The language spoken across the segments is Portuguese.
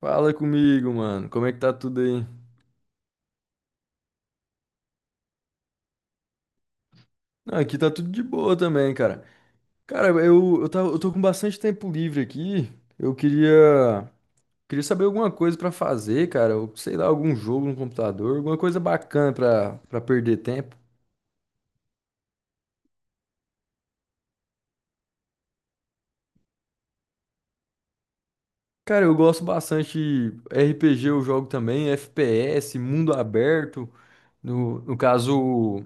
Fala comigo, mano. Como é que tá tudo aí? Não, aqui tá tudo de boa também, cara. Cara, eu tô com bastante tempo livre aqui. Eu queria, Queria saber alguma coisa pra fazer, cara. Ou, sei lá, algum jogo no computador, alguma coisa bacana pra perder tempo. Cara, eu gosto bastante de RPG, eu jogo também, FPS, mundo aberto. No caso,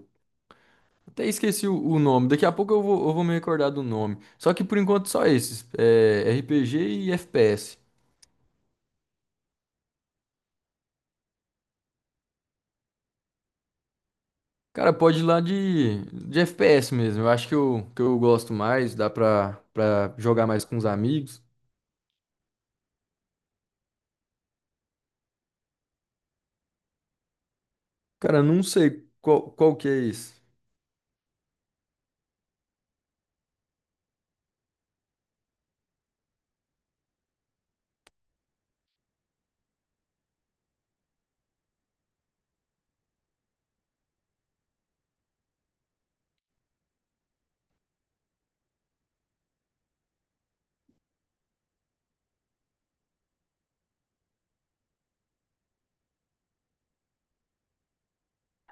até esqueci o nome. Daqui a pouco eu vou me recordar do nome. Só que por enquanto só esses, é, RPG e FPS. Cara, pode ir lá de FPS mesmo. Eu acho que eu gosto mais, dá pra jogar mais com os amigos. Cara, não sei qual que é esse.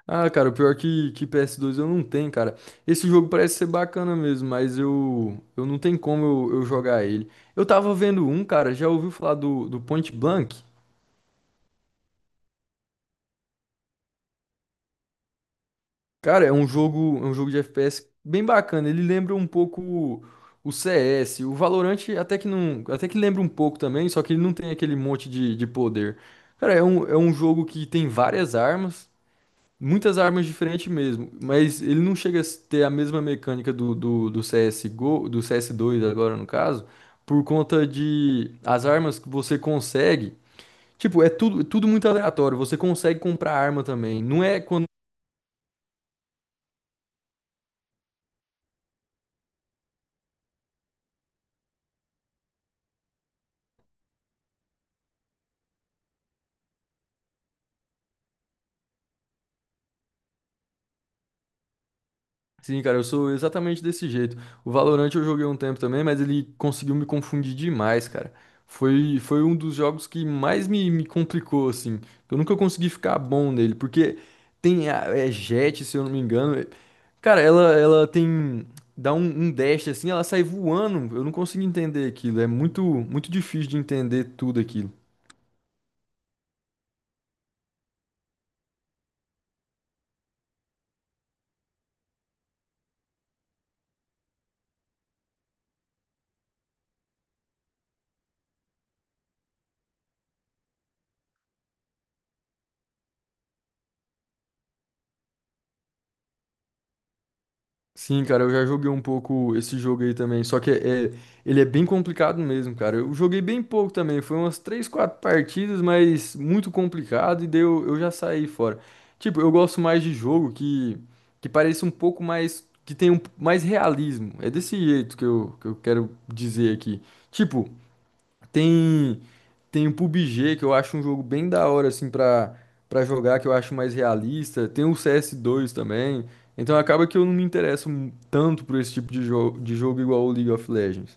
Ah, cara, o pior que PS2 eu não tenho, cara. Esse jogo parece ser bacana mesmo, mas eu não tenho como eu jogar ele. Eu tava vendo um, cara, já ouviu falar do Point Blank? Cara, é um jogo de FPS bem bacana. Ele lembra um pouco o CS, o Valorant até que não, até que lembra um pouco também, só que ele não tem aquele monte de poder. Cara, é um jogo que tem várias armas, muitas armas diferentes mesmo, mas ele não chega a ter a mesma mecânica do CSGO, do CS2 agora no caso, por conta de as armas que você consegue. Tipo, é tudo, tudo muito aleatório. Você consegue comprar arma também. Não é quando. Sim, cara, eu sou exatamente desse jeito. O Valorant eu joguei um tempo também, mas ele conseguiu me confundir demais, cara. Foi um dos jogos que mais me complicou, assim. Eu nunca consegui ficar bom nele, porque tem a, é Jett, se eu não me engano. É. Cara, ela tem. Dá um, um dash assim, ela sai voando. Eu não consigo entender aquilo. É muito, muito difícil de entender tudo aquilo. Sim, cara, eu já joguei um pouco esse jogo aí também. Só que é, é ele é bem complicado mesmo, cara. Eu joguei bem pouco também. Foi umas três, quatro partidas, mas muito complicado. E daí eu já saí fora. Tipo, eu gosto mais de jogo que pareça um pouco mais. Que tenha um, mais realismo. É desse jeito que eu quero dizer aqui. Tipo. Tem, Tem o PUBG, que eu acho um jogo bem da hora, assim, para jogar, que eu acho mais realista. Tem o CS2 também. Então acaba que eu não me interesso mu- tanto por esse tipo de jogo igual o League of Legends.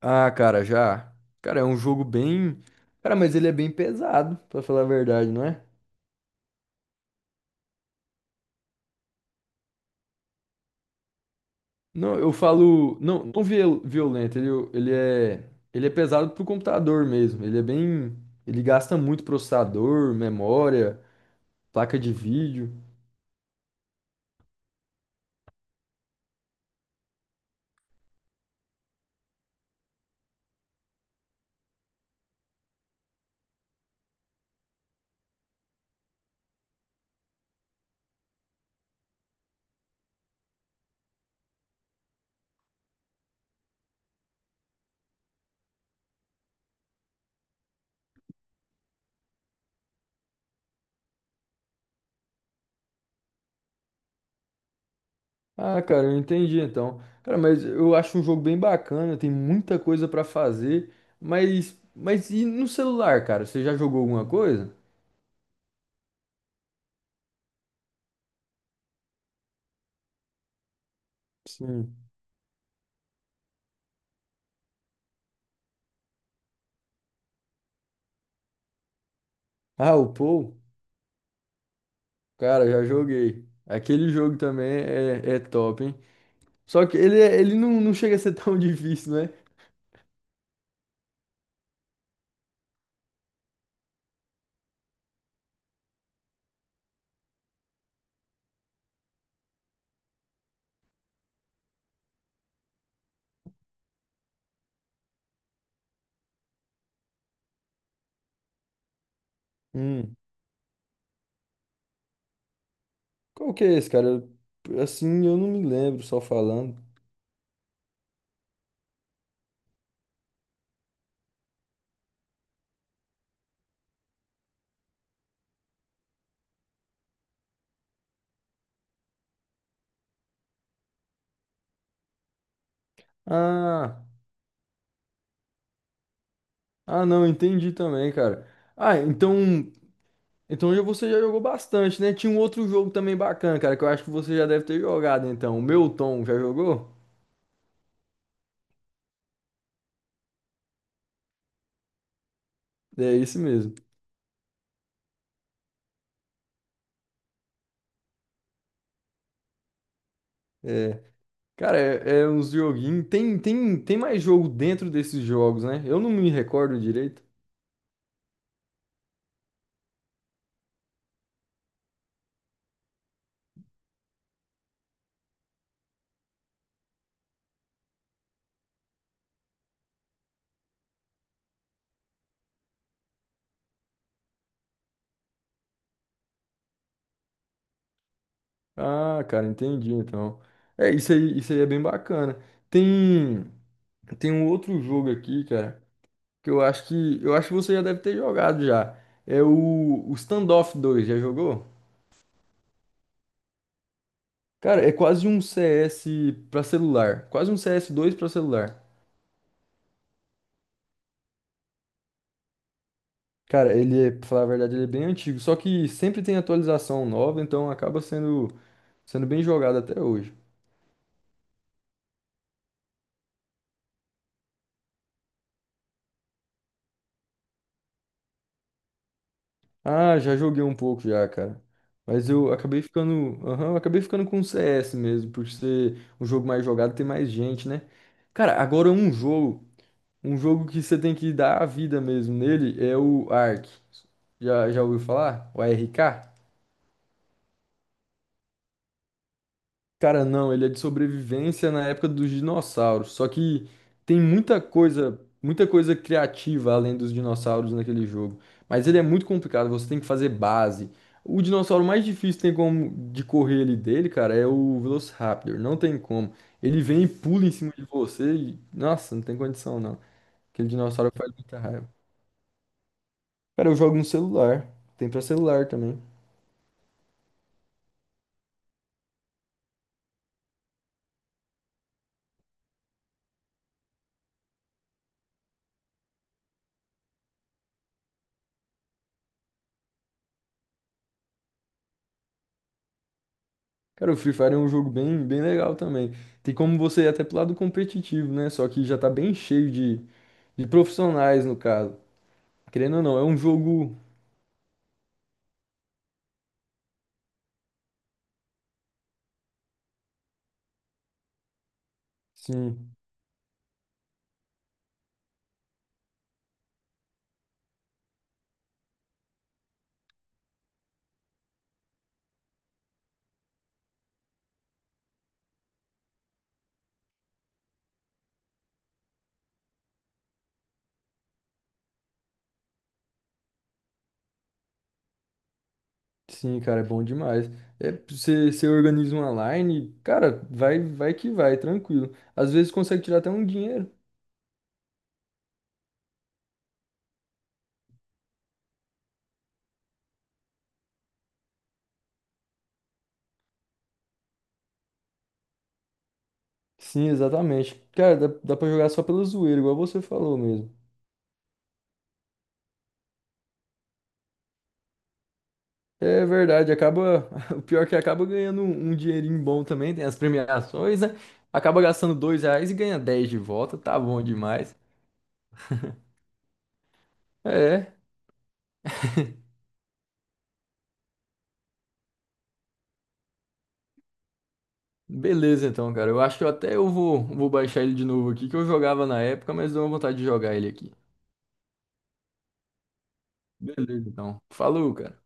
Ah, cara, já. Cara, é um jogo bem. Cara, mas ele é bem pesado, pra falar a verdade, não é? Não, eu falo. Não, não viol- violento, ele é. Ele é pesado pro computador mesmo. Ele é bem. Ele gasta muito processador, memória, placa de vídeo. Ah, cara, eu entendi então. Cara, mas eu acho um jogo bem bacana, tem muita coisa pra fazer, mas e no celular, cara? Você já jogou alguma coisa? Sim. Ah, o Pou? Cara, já joguei. Aquele jogo também é, é top, hein? Só que ele, é ele não, não chega a ser tão difícil, né? Hum. Qual que é esse, cara? Eu assim, eu não me lembro, só falando. Ah, ah, não, entendi também, cara. Ah, então. Então já você já jogou bastante, né? Tinha um outro jogo também bacana, cara, que eu acho que você já deve ter jogado, então. O Meu Tom, já jogou? É isso mesmo. É. Cara, é, é uns joguinhos. Tem mais jogo dentro desses jogos, né? Eu não me recordo direito. Ah, cara, entendi, então. É, isso aí é bem bacana. Tem, Tem um outro jogo aqui, cara, que eu acho que, eu acho que você já deve ter jogado já. É o Standoff dois, já jogou? Cara, é quase um CS pra celular. Quase um CS2 pra celular. Cara, ele é, pra falar a verdade, ele é bem antigo. Só que sempre tem atualização nova, então acaba sendo, sendo bem jogado até hoje. Ah, já joguei um pouco já, cara. Mas eu acabei ficando. Aham, eu acabei ficando com o CS mesmo, por ser um jogo mais jogado, tem mais gente, né? Cara, agora um jogo. Um jogo que você tem que dar a vida mesmo nele é o Ark. Já ouviu falar? O ARK? Cara, não, ele é de sobrevivência na época dos dinossauros. Só que tem muita coisa criativa além dos dinossauros naquele jogo. Mas ele é muito complicado, você tem que fazer base. O dinossauro mais difícil tem como de correr ali dele, cara, é o Velociraptor. Não tem como. Ele vem e pula em cima de você e, nossa, não tem condição não. Aquele dinossauro faz muita raiva. Cara, eu jogo no celular. Tem pra celular também. Cara, o Free Fire é um jogo bem, bem legal também. Tem como você ir até pro lado competitivo, né? Só que já tá bem cheio de profissionais, no caso. Querendo ou não, é um jogo. Sim, sim, cara, é bom demais. É, você organiza uma line, cara, vai, vai que vai, tranquilo. Às vezes consegue tirar até um dinheiro. Sim, exatamente. Cara, dá pra jogar só pela zoeira, igual você falou mesmo. É verdade, acaba. O pior é que acaba ganhando um, um dinheirinho bom também, tem as premiações, né? Acaba gastando R$ 2 e ganha 10 de volta, tá bom demais. É, beleza então, cara. Eu acho que eu até vou baixar ele de novo aqui, que eu jogava na época, mas deu uma vontade de jogar ele aqui. Beleza, então. Falou, cara.